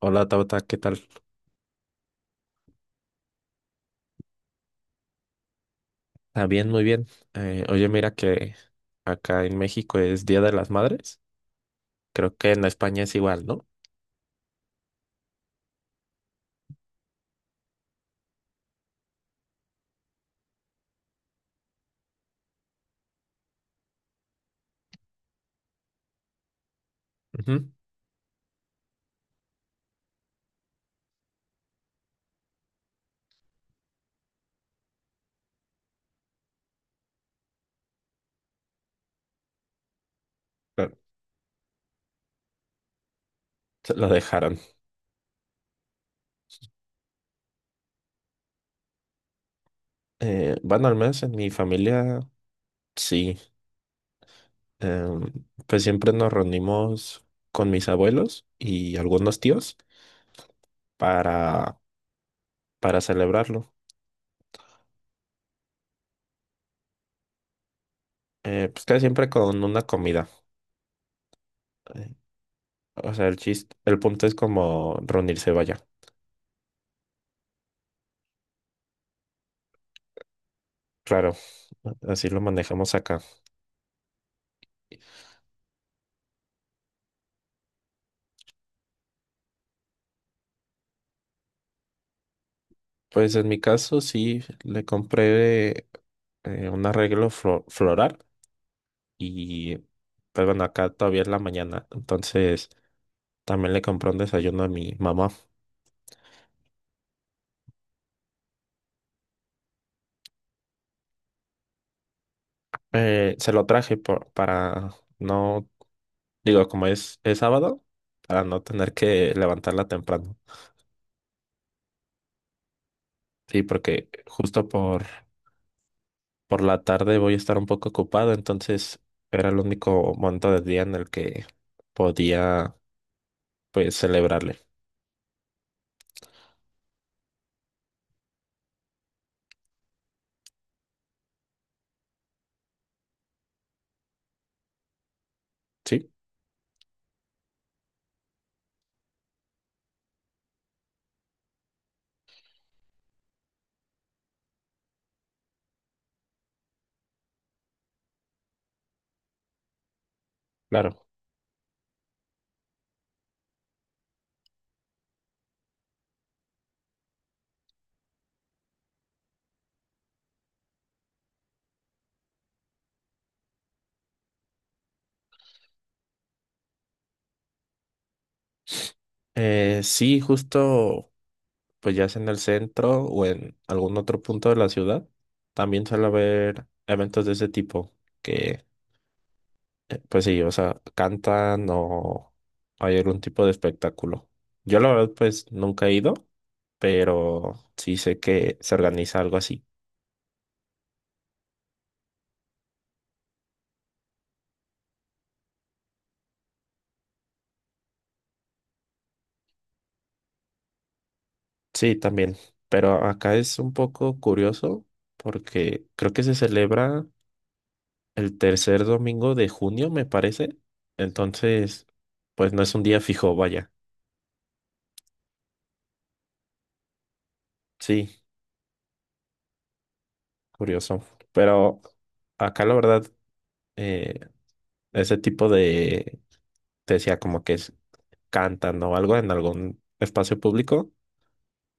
Hola Tauta, ¿qué tal? Bien, muy bien. Oye, mira que acá en México es Día de las Madres. Creo que en España es igual, ¿no? Ujú. Claro. Se lo dejaron. Bueno, al menos en mi familia, sí. Em, pues siempre nos reunimos con mis abuelos y algunos tíos para, para celebrarlo. Pues casi siempre con una comida. Eh, o sea, el chiste, el punto es como reunirse, vaya. Claro, así lo manejamos acá. Pues en mi caso sí, le compré un arreglo floral y pues bueno, acá todavía es la mañana, entonces también le compré un desayuno a mi mamá. Se lo traje para no, digo, como es sábado, para no tener que levantarla temprano. Sí, porque justo por la tarde voy a estar un poco ocupado, entonces era el único momento del día en el que podía pues celebrarle. Sí, claro. Sí, justo pues ya sea en el centro o en algún otro punto de la ciudad, también suele haber eventos de ese tipo que pues sí, o sea, cantan o hay algún tipo de espectáculo. Yo la verdad pues nunca he ido, pero sí sé que se organiza algo así. Sí, también, pero acá es un poco curioso porque creo que se celebra el tercer domingo de junio, me parece. Entonces, pues no es un día fijo, vaya. Sí, curioso. Pero acá la verdad, eh, ese tipo te decía como que es, cantan o algo en algún espacio público,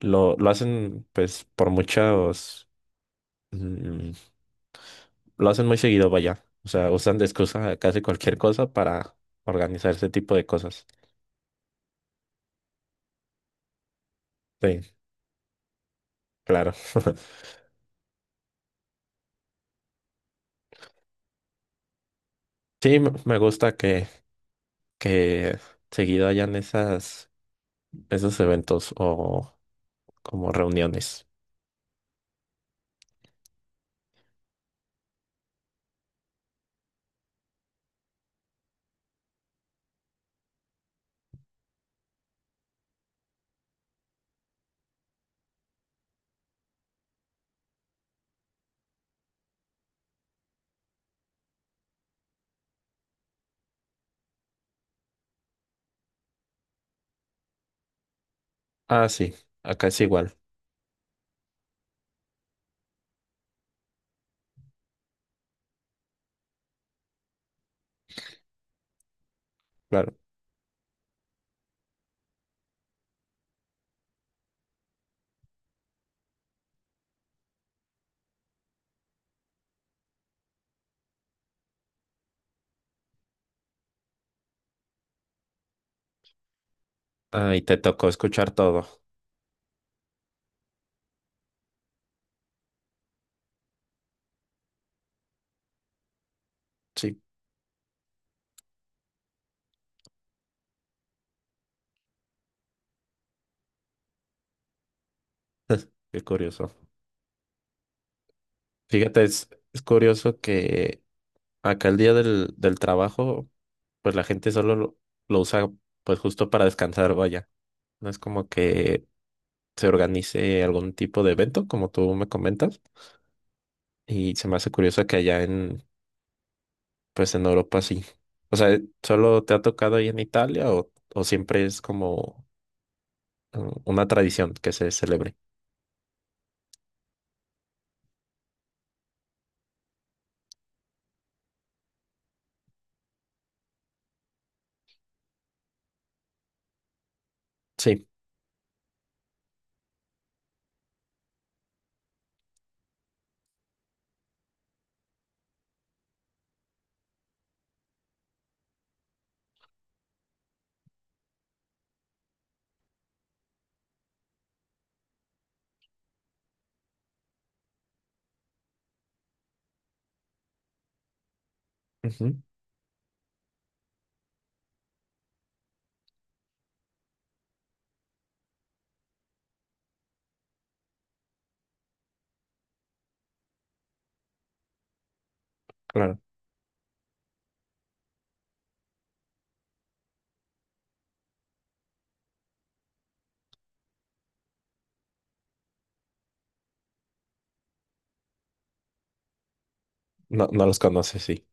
lo hacen pues por muchos, mm, lo hacen muy seguido, vaya. O sea, usan de excusa casi cualquier cosa para organizar ese tipo de cosas. Sí, claro. Sí, me gusta que seguido hayan esas, esos eventos o como reuniones. Ah, sí, acá es igual, claro. Ah, y te tocó escuchar todo. Sí, qué curioso. Fíjate, es curioso que acá el día del trabajo, pues la gente solo lo usa pues justo para descansar, vaya. No es como que se organice algún tipo de evento, como tú me comentas. Y se me hace curioso que allá, pues en Europa sí. O sea, ¿solo te ha tocado ahí en Italia o siempre es como eh, una tradición que se celebre? Sí, ujú, claro. No, no los conoces, sí.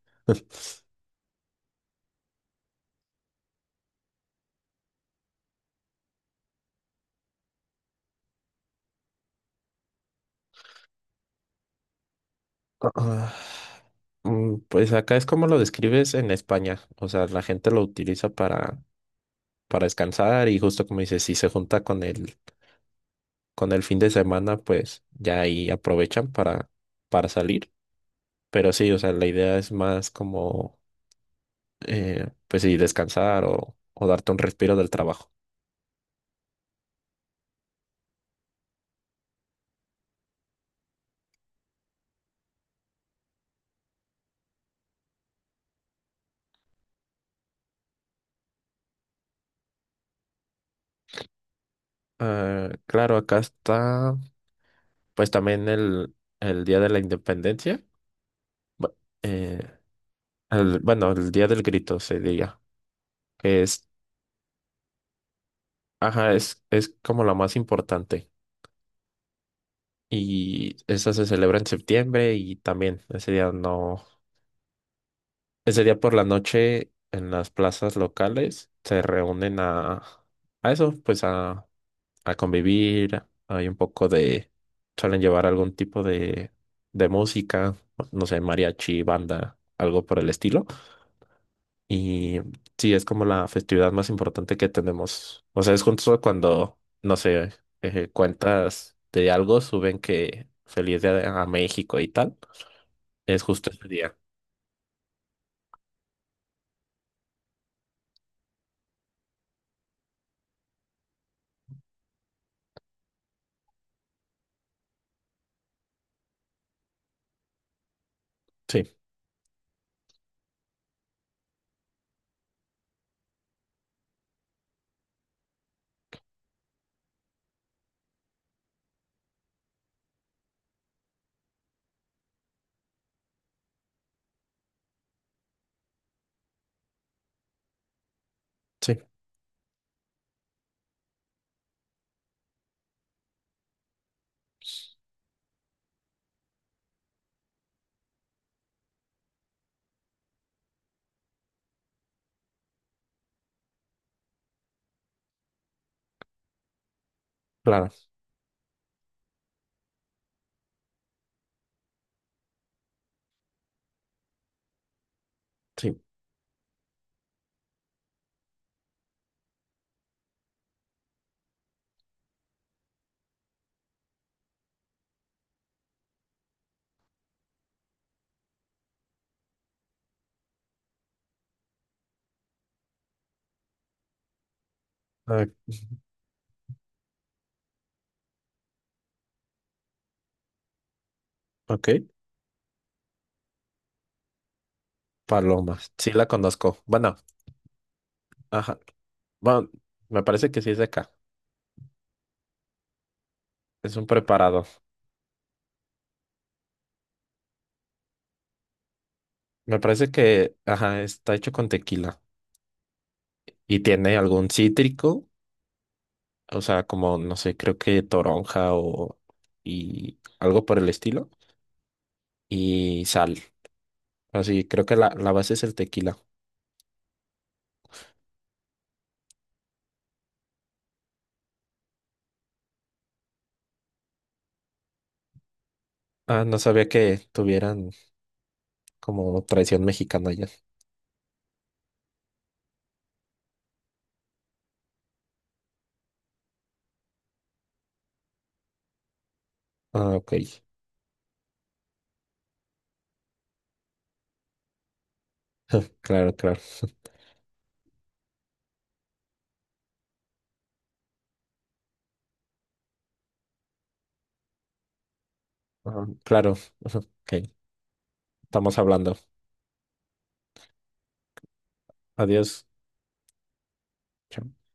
Ah, pues acá es como lo describes en España. O sea, la gente lo utiliza para descansar y justo como dices, si se junta con con el fin de semana, pues ya ahí aprovechan para salir. Pero sí, o sea, la idea es más como pues sí, descansar o darte un respiro del trabajo. Ah, claro, acá está pues también el Día de la Independencia. Bu- eh, bueno, el Día del Grito se diga, que es, ajá, es como la más importante. Y esa se celebra en septiembre y también ese día no, ese día por la noche en las plazas locales se reúnen a eso, pues a convivir, hay un poco de, suelen llevar algún tipo de música, no sé, mariachi, banda, algo por el estilo. Y sí, es como la festividad más importante que tenemos. O sea, es justo cuando, no sé, cuentas de algo, suben que feliz día a México y tal. Es justo ese día. Sí, sí, claro, sí. Ah, ok, Paloma, sí la conozco. Bueno, ajá. Bueno, me parece que sí es de acá. Es un preparado. Me parece que, ajá, está hecho con tequila y tiene algún cítrico, o sea, como, no sé, creo que toronja o y algo por el estilo y sal. Así, creo que la base es el tequila. Ah, no sabía que tuvieran como tradición mexicana ya. Ah, ok. Claro, claro. Ajá, claro. Ajá, ok. Estamos hablando. Adiós. Chao.